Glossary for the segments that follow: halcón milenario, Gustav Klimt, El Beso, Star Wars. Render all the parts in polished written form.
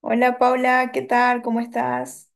Hola Paula, ¿qué tal? ¿Cómo estás?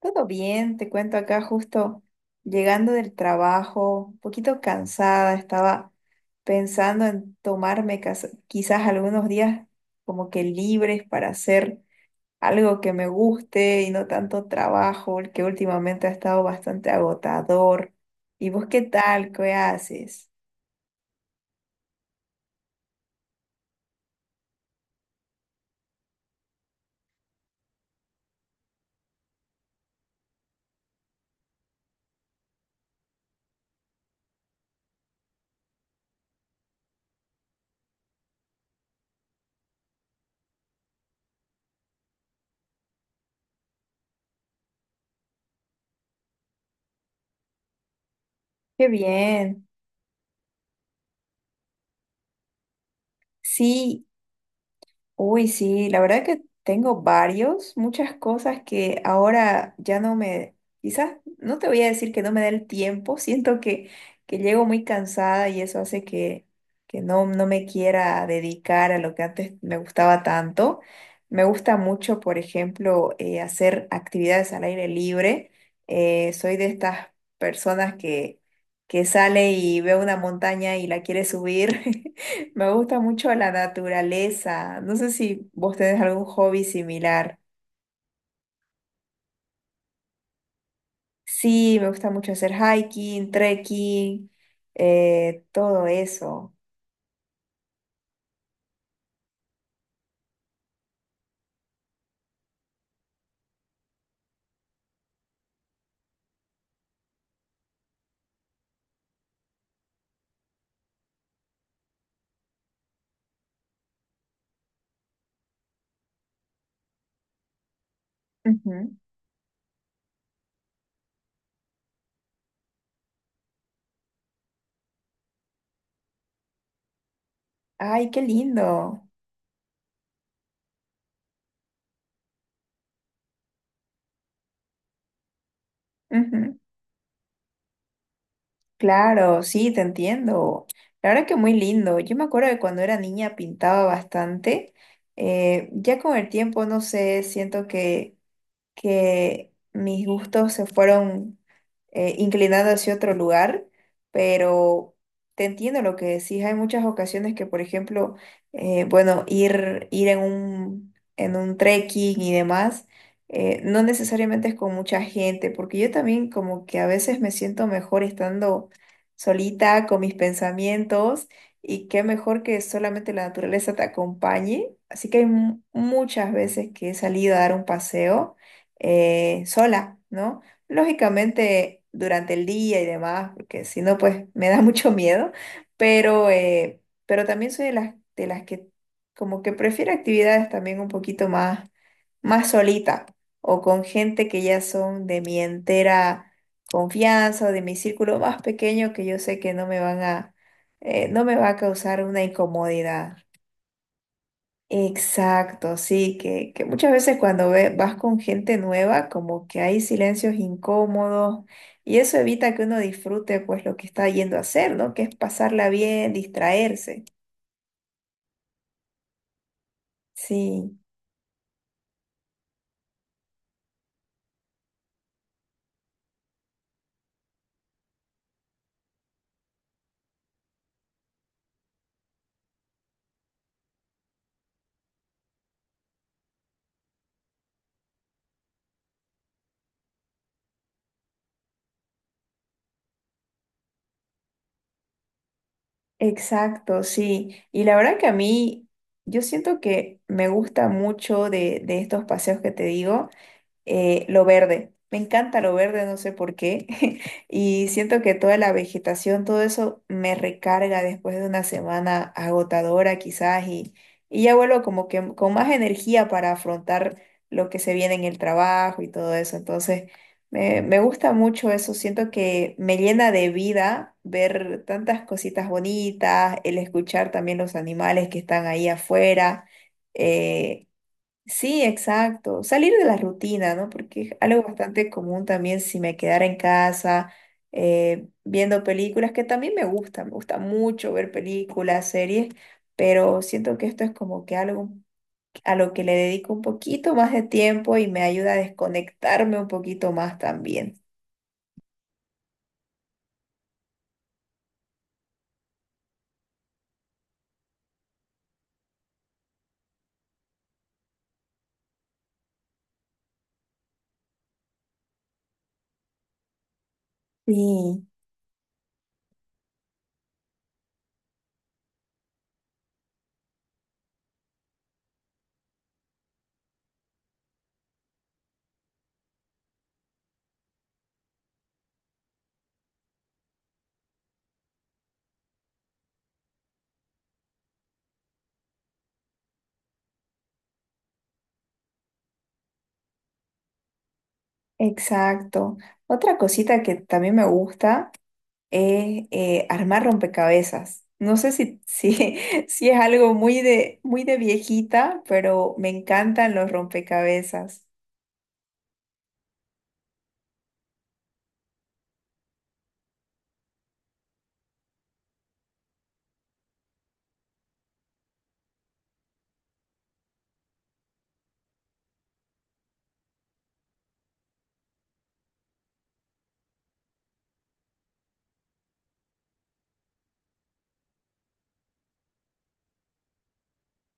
Todo bien, te cuento acá justo llegando del trabajo, un poquito cansada, estaba pensando en tomarme quizás algunos días como que libres para hacer algo que me guste y no tanto trabajo, el que últimamente ha estado bastante agotador. ¿Y vos qué tal? ¿Qué haces? Qué bien. Sí. Uy, sí, la verdad que tengo varios, muchas cosas que ahora ya no me, quizás no te voy a decir que no me da el tiempo, siento que llego muy cansada y eso hace que no, no me quiera dedicar a lo que antes me gustaba tanto. Me gusta mucho, por ejemplo, hacer actividades al aire libre. Soy de estas personas que sale y ve una montaña y la quiere subir. Me gusta mucho la naturaleza. No sé si vos tenés algún hobby similar. Sí, me gusta mucho hacer hiking, trekking, todo eso. Ujú. Ay, qué lindo. Ujú. Claro, sí, te entiendo. La verdad que muy lindo. Yo me acuerdo que cuando era niña pintaba bastante. Ya con el tiempo, no sé, siento que mis gustos se fueron inclinando hacia otro lugar, pero te entiendo lo que decís. Hay muchas ocasiones que, por ejemplo, bueno, ir en en un trekking y demás, no necesariamente es con mucha gente, porque yo también como que a veces me siento mejor estando solita con mis pensamientos. Y qué mejor que solamente la naturaleza te acompañe. Así que hay muchas veces que he salido a dar un paseo sola, ¿no? Lógicamente durante el día y demás, porque si no, pues me da mucho miedo, pero también soy de las que como que prefiero actividades también un poquito más, más solita o con gente que ya son de mi entera confianza o de mi círculo más pequeño que yo sé que no me van a, no me va a causar una incomodidad. Exacto, sí, que muchas veces cuando vas con gente nueva, como que hay silencios incómodos y eso evita que uno disfrute pues lo que está yendo a hacer, ¿no? Que es pasarla bien, distraerse. Sí, exacto, sí. Y la verdad que a mí, yo siento que me gusta mucho de estos paseos que te digo. Lo verde. Me encanta lo verde, no sé por qué. Y siento que toda la vegetación, todo eso me recarga después de una semana agotadora quizás y ya vuelvo como que con más energía para afrontar lo que se viene en el trabajo y todo eso. Entonces, me gusta mucho eso. Siento que me llena de vida ver tantas cositas bonitas, el escuchar también los animales que están ahí afuera. eh, Sí, exacto. Salir de la rutina, ¿no? Porque es algo bastante común también si me quedara en casa viendo películas, que también me gusta mucho ver películas, series, pero siento que esto es como que algo a lo que le dedico un poquito más de tiempo y me ayuda a desconectarme un poquito más también. Sí, exacto. Otra cosita que también me gusta es armar rompecabezas. No sé si, si es algo muy de viejita, pero me encantan los rompecabezas.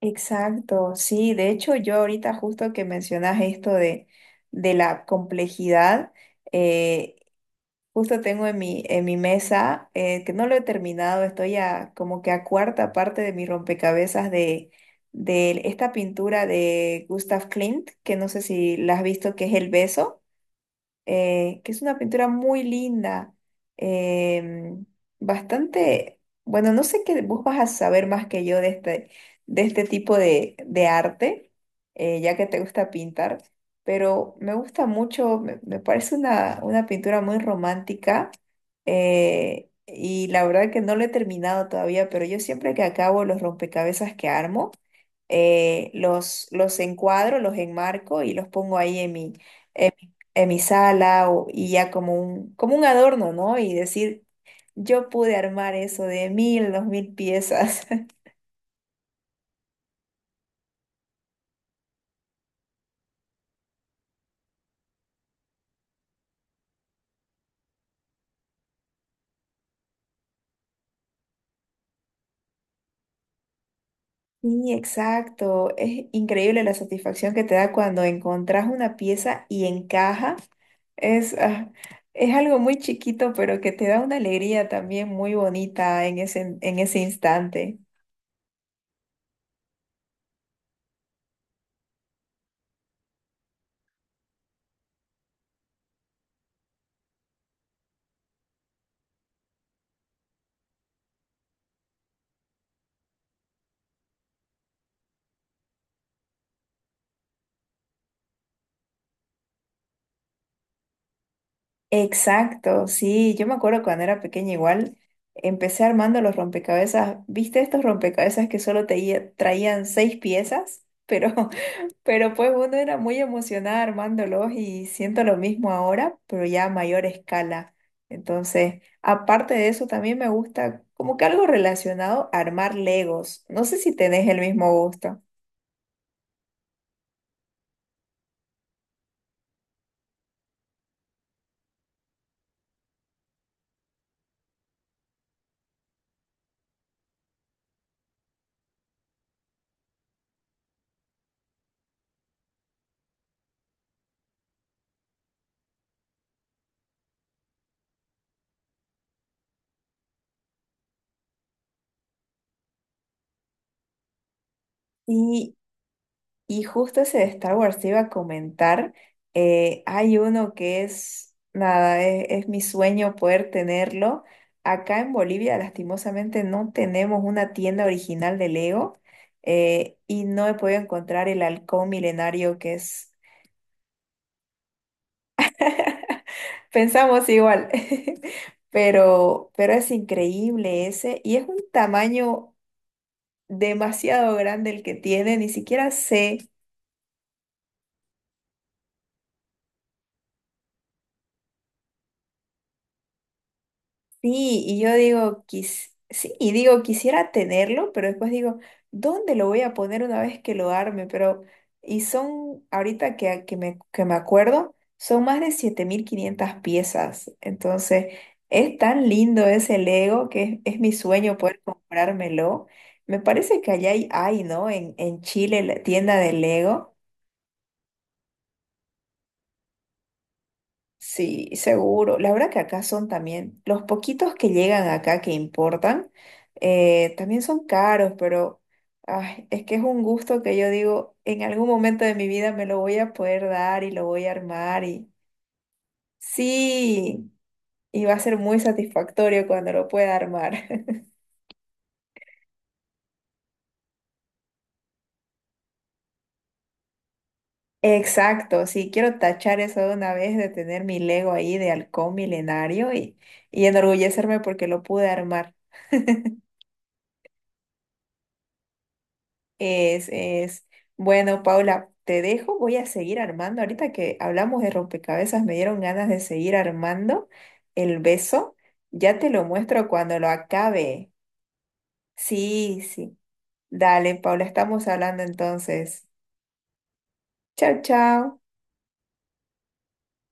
Exacto, sí. De hecho, yo ahorita justo que mencionas esto de la complejidad, eh, justo tengo en en mi mesa, que no lo he terminado, estoy a, como que a cuarta parte de mi rompecabezas de esta pintura de Gustav Klimt, que no sé si la has visto, que es El Beso. Que es una pintura muy linda, em, bastante, bueno, no sé qué, vos vas a saber más que yo de este tipo de arte, ya que te gusta pintar, pero me gusta mucho, me parece una pintura muy romántica, y la verdad que no lo he terminado todavía, pero yo siempre que acabo los rompecabezas que armo, los encuadro, los enmarco y los pongo ahí en mi sala o- y ya como un adorno, ¿no? Y decir, yo pude armar eso de 1.000, 2.000 piezas. Sí, exacto. Es increíble la satisfacción que te da cuando encontrás una pieza y encaja. Es, ah, es algo muy chiquito, pero que te da una alegría también muy bonita en ese instante. Exacto, sí, yo me acuerdo cuando era pequeña igual, empecé armando los rompecabezas, ¿viste estos rompecabezas que solo te traían 6 piezas? Pero, pero pues uno era muy emocionada armándolos y siento lo mismo ahora, pero ya a mayor escala. Entonces, aparte de eso, también me gusta como que algo relacionado a armar Legos. No sé si tenés el mismo gusto. Sí. Y justo ese de Star Wars te iba a comentar, hay uno que es, nada, es mi sueño poder tenerlo. Acá en Bolivia, lastimosamente, no tenemos una tienda original de Lego y no he podido encontrar el halcón milenario que es, pensamos igual, pero es increíble ese y es un tamaño demasiado grande el que tiene, ni siquiera sé. Sí, y yo digo, sí, y digo, quisiera tenerlo, pero después digo, ¿dónde lo voy a poner una vez que lo arme? Pero, y son, ahorita que me acuerdo, son más de 7.500 piezas. Entonces, es tan lindo ese Lego que es mi sueño poder comprármelo. Me parece que allá hay, hay, ¿no? En Chile, la tienda de Lego. Sí, seguro. La verdad que acá son también, los poquitos que llegan acá que importan, también son caros, pero ay, es que es un gusto que yo digo, en algún momento de mi vida me lo voy a poder dar y lo voy a armar y sí, y va a ser muy satisfactorio cuando lo pueda armar. Exacto, sí, quiero tachar eso de una vez de tener mi Lego ahí de halcón milenario y enorgullecerme porque lo pude armar. Es, es. Bueno, Paula, te dejo. Voy a seguir armando. Ahorita que hablamos de rompecabezas, me dieron ganas de seguir armando el beso. Ya te lo muestro cuando lo acabe. Sí, sí. Dale, Paula, estamos hablando entonces. Chao, chao.